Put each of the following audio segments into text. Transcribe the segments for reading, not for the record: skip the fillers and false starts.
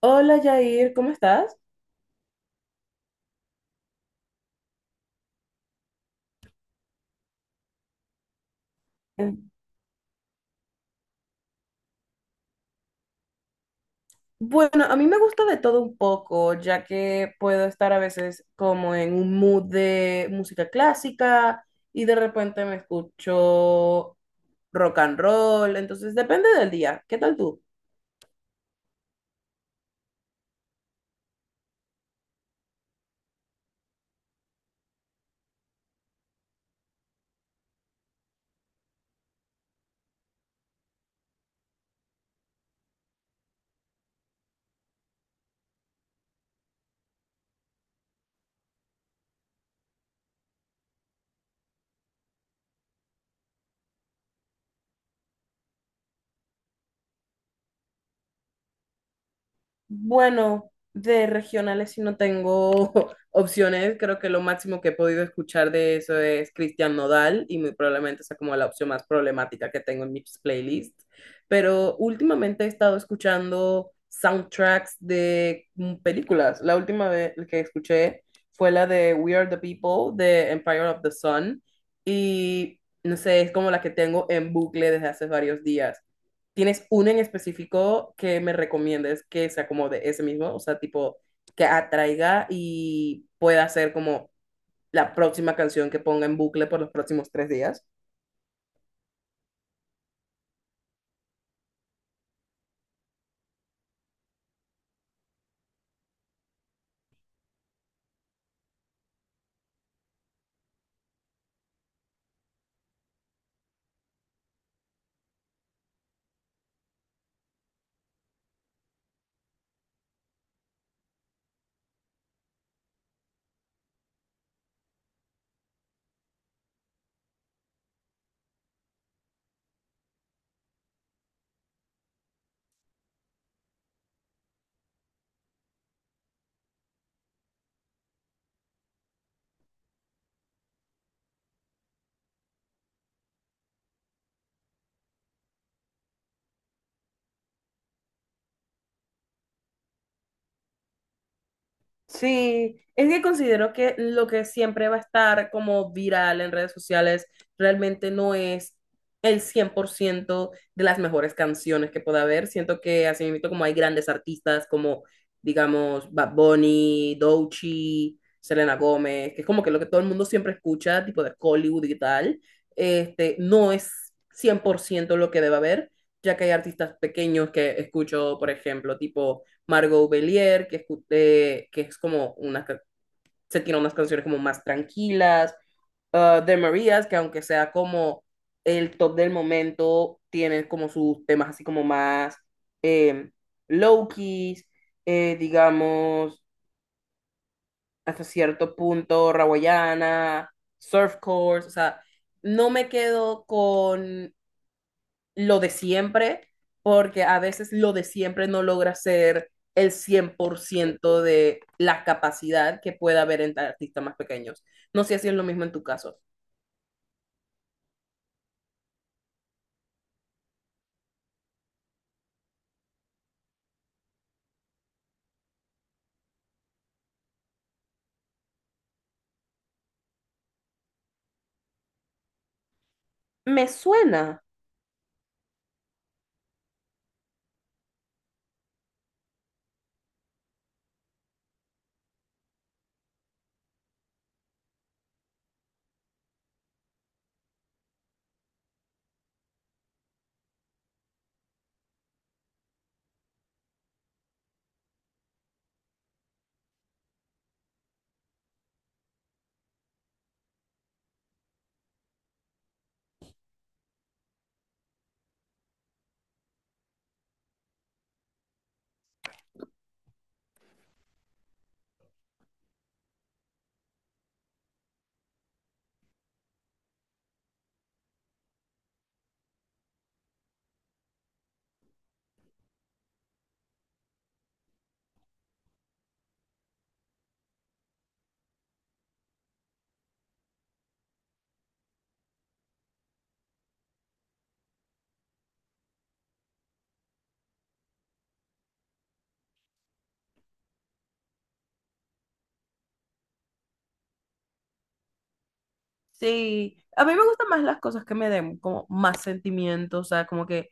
Hola Jair, ¿cómo estás? Mm. Bueno, a mí me gusta de todo un poco, ya que puedo estar a veces como en un mood de música clásica y de repente me escucho rock and roll, entonces depende del día. ¿Qué tal tú? Bueno, de regionales si no tengo opciones. Creo que lo máximo que he podido escuchar de eso es Cristian Nodal y muy probablemente sea como la opción más problemática que tengo en mis playlists. Pero últimamente he estado escuchando soundtracks de películas. La última vez que escuché fue la de We Are the People de Empire of the Sun y no sé, es como la que tengo en bucle desde hace varios días. ¿Tienes uno en específico que me recomiendes que sea como de ese mismo? O sea, tipo, que atraiga y pueda ser como la próxima canción que ponga en bucle por los próximos 3 días. Sí, es que considero que lo que siempre va a estar como viral en redes sociales realmente no es el 100% de las mejores canciones que pueda haber. Siento que así mismo como hay grandes artistas como, digamos, Bad Bunny, Doechii, Selena Gómez, que es como que lo que todo el mundo siempre escucha, tipo de Hollywood y tal, este, no es 100% lo que debe haber, ya que hay artistas pequeños que escucho, por ejemplo, tipo Margot Bellier, que es como una, se tiene unas canciones como más tranquilas, de Marías, que aunque sea como el top del momento, tiene como sus temas así como más eh, low-keys, digamos, hasta cierto punto, Rawayana, Surf Course, o sea, no me quedo con lo de siempre, porque a veces lo de siempre no logra ser el 100% de la capacidad que pueda haber en artistas más pequeños. No sé si es lo mismo en tu caso. Me suena. Sí, a mí me gustan más las cosas que me den como más sentimiento, o sea, como que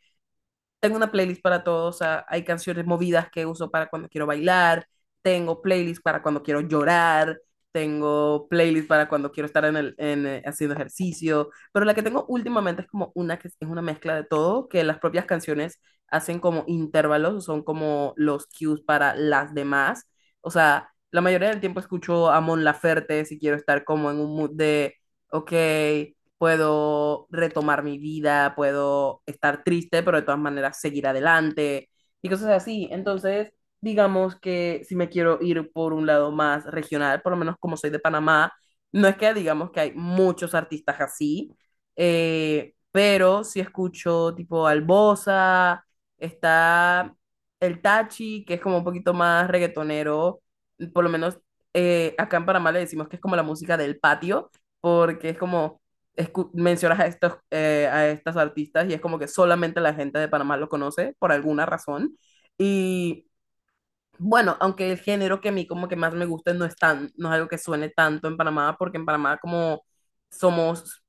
tengo una playlist para todo, o sea, hay canciones movidas que uso para cuando quiero bailar, tengo playlist para cuando quiero llorar, tengo playlist para cuando quiero estar haciendo ejercicio, pero la que tengo últimamente es como una que es una mezcla de todo, que las propias canciones hacen como intervalos, son como los cues para las demás, o sea, la mayoría del tiempo escucho a Mon Laferte si quiero estar como en un mood de, ok, puedo retomar mi vida, puedo estar triste, pero de todas maneras seguir adelante y cosas así. Entonces, digamos que si me quiero ir por un lado más regional, por lo menos como soy de Panamá, no es que digamos que hay muchos artistas así, pero si escucho tipo Albosa, está el Tachi, que es como un poquito más reggaetonero, por lo menos acá en Panamá le decimos que es como la música del patio, porque es como mencionas a estos, a estas artistas y es como que solamente la gente de Panamá lo conoce por alguna razón. Y bueno, aunque el género que a mí como que más me gusta no es tan, no es algo que suene tanto en Panamá, porque en Panamá como somos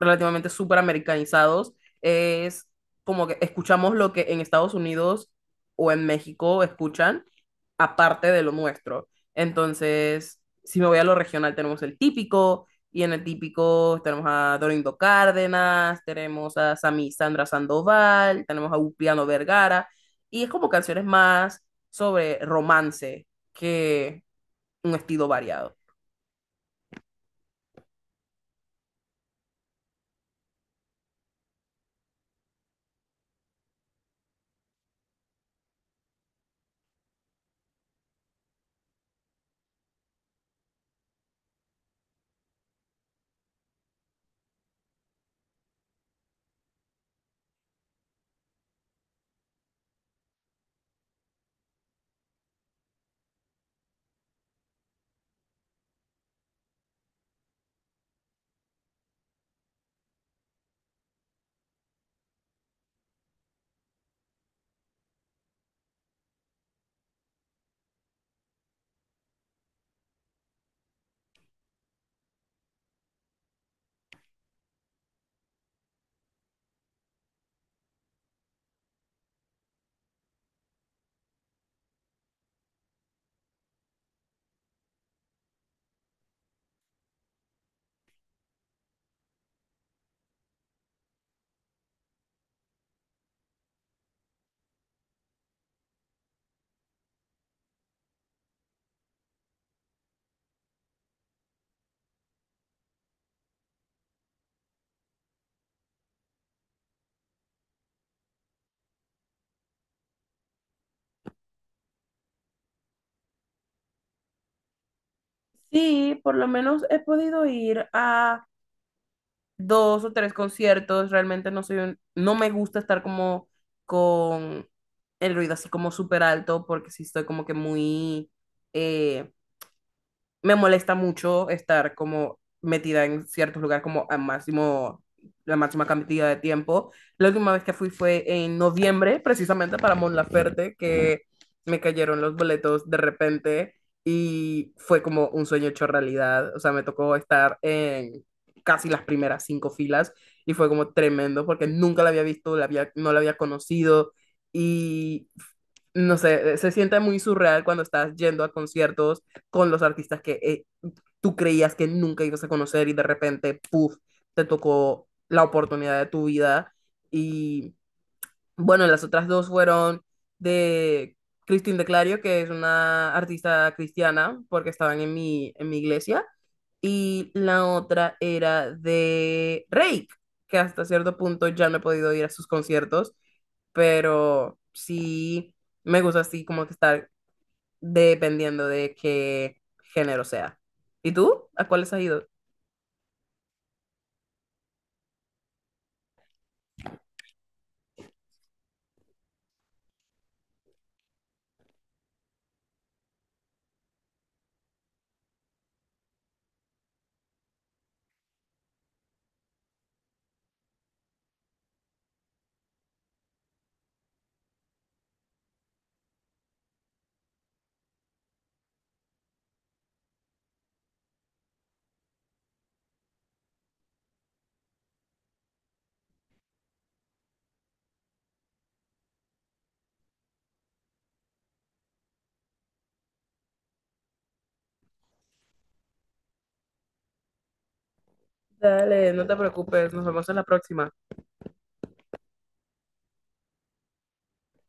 relativamente súper americanizados, es como que escuchamos lo que en Estados Unidos o en México escuchan, aparte de lo nuestro. Entonces, si me voy a lo regional, tenemos el típico, y en el típico tenemos a Dorindo Cárdenas, tenemos a Sami Sandra Sandoval, tenemos a Upiano Vergara, y es como canciones más sobre romance que un estilo variado. Sí, por lo menos he podido ir a dos o tres conciertos. Realmente no me gusta estar como con el ruido así como súper alto porque sí estoy como que muy, eh, me molesta mucho estar como metida en ciertos lugares como a máximo, la máxima cantidad de tiempo. La última vez que fui fue en noviembre, precisamente para Mon Laferte, que me cayeron los boletos de repente y fue como un sueño hecho realidad. O sea, me tocó estar en casi las primeras cinco filas y fue como tremendo porque nunca la había visto, la había, no la había conocido y no sé, se siente muy surreal cuando estás yendo a conciertos con los artistas que tú creías que nunca ibas a conocer y de repente, puff, te tocó la oportunidad de tu vida. Y bueno, las otras dos fueron de Christine de Clario, que es una artista cristiana, porque estaban en mi iglesia. Y la otra era de Rake, que hasta cierto punto ya no he podido ir a sus conciertos, pero sí me gusta así como que estar dependiendo de qué género sea. ¿Y tú? ¿A cuáles has ido? Dale, no te preocupes, nos vemos en la próxima.